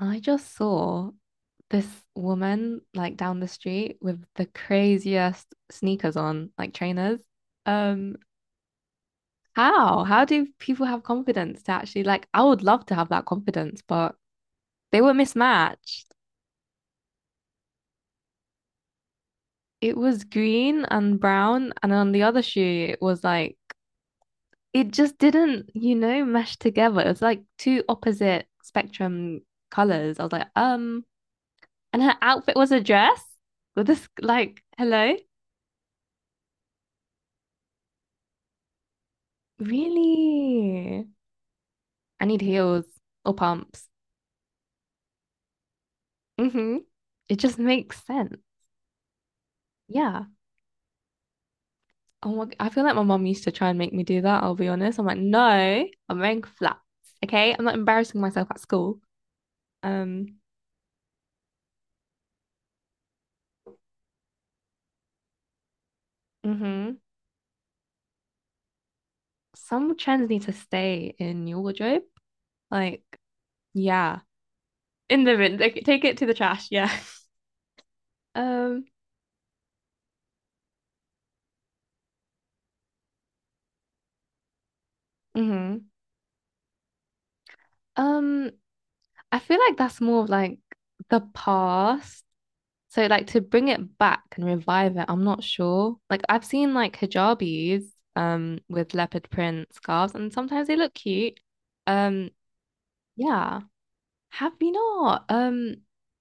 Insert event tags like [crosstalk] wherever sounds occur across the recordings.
I just saw this woman like down the street with the craziest sneakers on, like trainers. Um, How do people have confidence to actually like I would love to have that confidence, but they were mismatched. It was green and brown, and on the other shoe it was like it just didn't, mesh together. It was like two opposite spectrum colors. I was like, and her outfit was a dress with this like, hello? Really? I need heels or pumps. Hmm. It just makes sense. Yeah. Oh my, I feel like my mom used to try and make me do that, I'll be honest. I'm like, no, I'm wearing flats. Okay. I'm not embarrassing myself at school. Um, hmm. Some trends need to stay in your wardrobe. Like, yeah. In the bin. Like, take it to the trash. Yeah. [laughs] Um, hmm. Um, I feel like that's more of like the past. So like to bring it back and revive it, I'm not sure. Like I've seen like hijabis with leopard print scarves and sometimes they look cute. Um yeah. Have you not?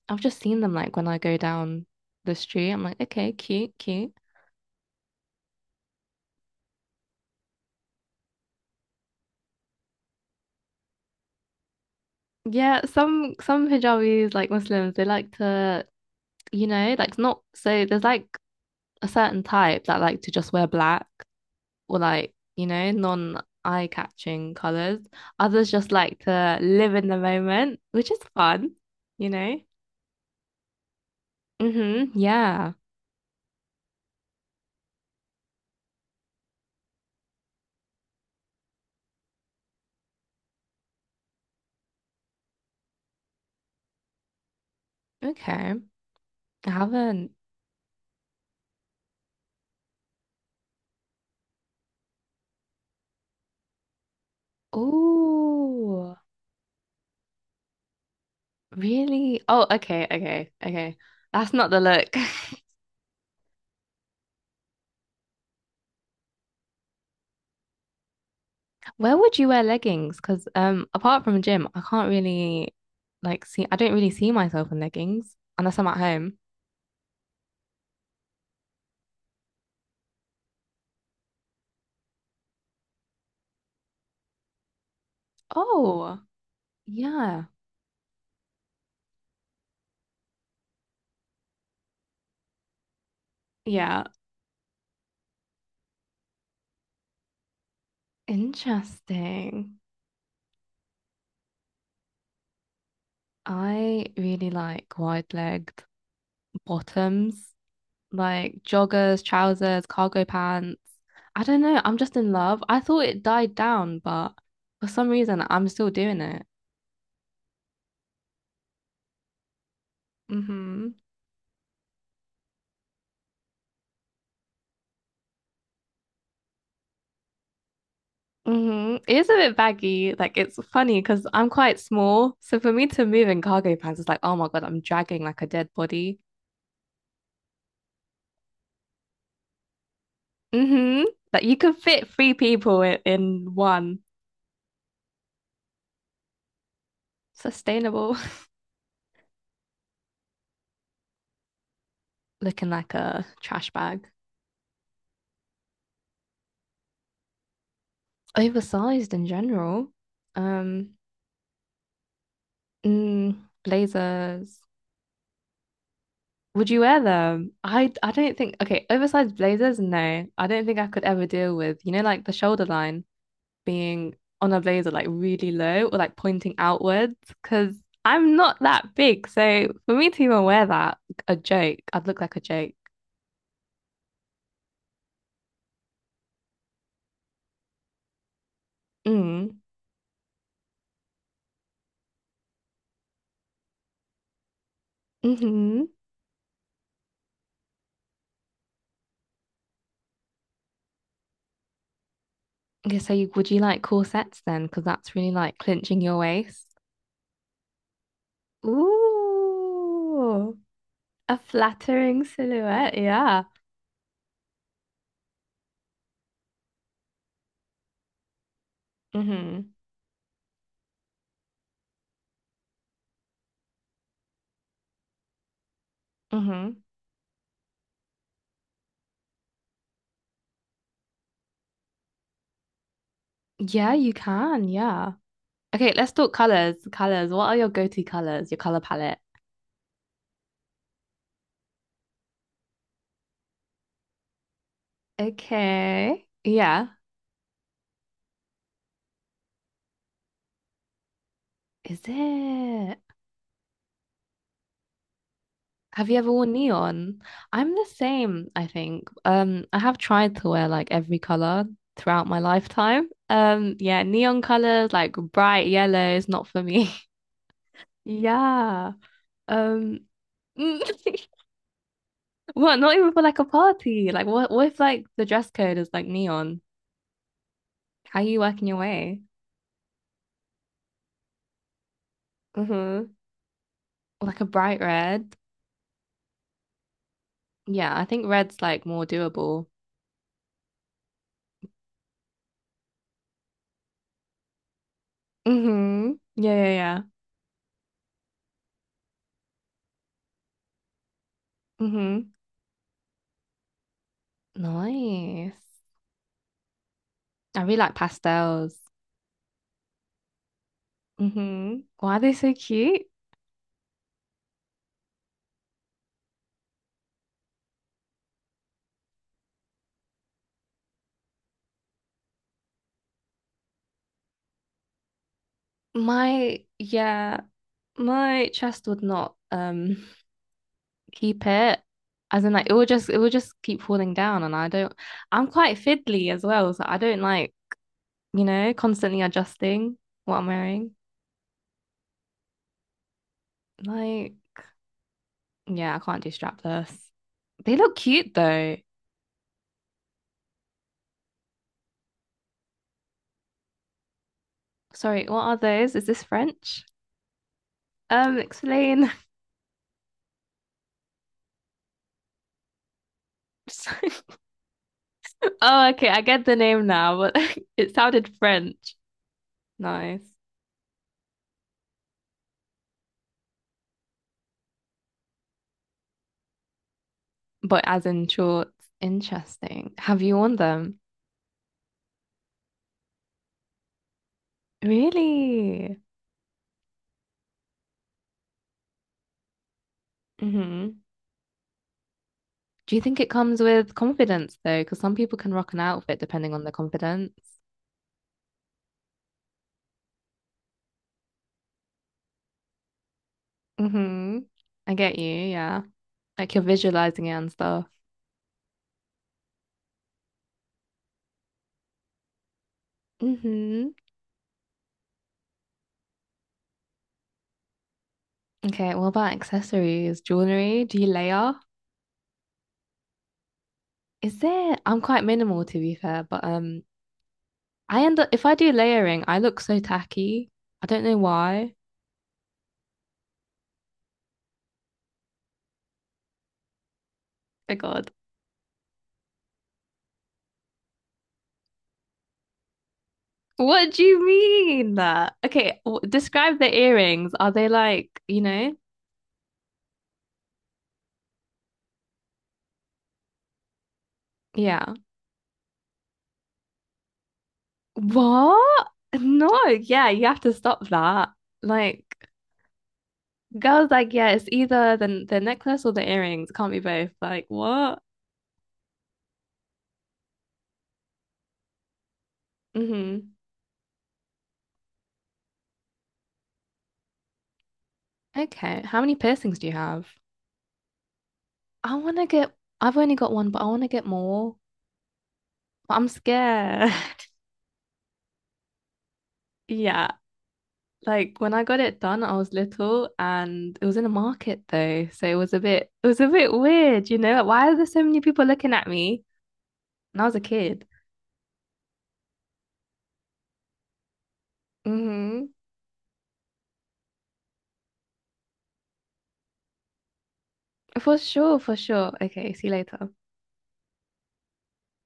I've just seen them like when I go down the street. I'm like, okay, cute, cute. Yeah, some hijabis like Muslims, they like to, like not so there's like a certain type that like to just wear black or like, non-eye-catching colors. Others just like to live in the moment, which is fun, you know? Mm-hmm. Yeah. Okay. I haven't. Oh, really? Oh, okay, okay, okay. That's not the look. [laughs] Where would you wear leggings? Because apart from gym, I can't really like see. I don't really see myself in leggings unless I'm at home. Oh, yeah, yeah. Interesting. I really like wide-legged bottoms, like joggers, trousers, cargo pants. I don't know, I'm just in love. I thought it died down, but for some reason I'm still doing it. Mm-hmm. Mm-hmm. It is a bit baggy. Like it's funny because I'm quite small. So for me to move in cargo pants is like, oh my God, I'm dragging like a dead body. Mm-hmm. Like you could fit three people in one. Sustainable. [laughs] Looking like a trash bag. Oversized in general. Um, mm, blazers. Would you wear them? I don't think. Okay, oversized blazers, no. I don't think I could ever deal with, like the shoulder line being on a blazer like really low or like pointing outwards because I'm not that big. So for me to even wear that, a joke, I'd look like a joke. Mm. Mm-hmm. Okay, so would you like corsets then? Because that's really like clinching your waist. Ooh. A flattering silhouette, yeah. Mm-hmm. Mm-hmm. Yeah, you can, yeah. Okay, let's talk colors. Colors. What are your go-to colors? Your color palette. Okay. Yeah. Is it? Have you ever worn neon? I'm the same, I think. I have tried to wear like every color throughout my lifetime. Yeah, neon colors, like bright yellow is not for me. [laughs] Yeah. Um [laughs] What, not even for like a party? Like what if like the dress code is like neon? How are you working your way? Mm-hmm. Like a bright red. Yeah, I think red's like more doable. Mm-hmm. Yeah, yeah, yeah. Mm-hmm. Nice. I really like pastels. Mm-hmm. Why are they so cute? My yeah, my chest would not [laughs] keep it. As in like it will just keep falling down and I don't. I'm quite fiddly as well, so I don't like constantly adjusting what I'm wearing. Like, yeah, I can't do strapless. They look cute though. Sorry, what are those? Is this French? Explain. [laughs] Just like- [laughs] Oh, okay, I get the name now, but [laughs] it sounded French. Nice. But as in shorts, interesting. Have you worn them? Really? Hmm. Do you think it comes with confidence though? Because some people can rock an outfit depending on their confidence. Hmm. I get you, yeah. Like you're visualizing it and stuff. Hmm. Okay, what about accessories, jewelry? Do you layer? Is there? I'm quite minimal to be fair, but I end up if I do layering, I look so tacky. I don't know why. Oh God. What do you mean that? Okay, w describe the earrings. Are they like, you know? Yeah. What? No, yeah, you have to stop that. Like girls like, yeah, it's either the necklace or the earrings. Can't be both. Like, what? Hmm. Okay. How many piercings do you have? I want to get, I've only got one, but I want to get more. But I'm scared. [laughs] Yeah. Like when I got it done, I was little and it was in a market though. So it was a bit weird, you know? Like, why are there so many people looking at me? And I was a kid. Mm-hmm. For sure, for sure. Okay. See you later.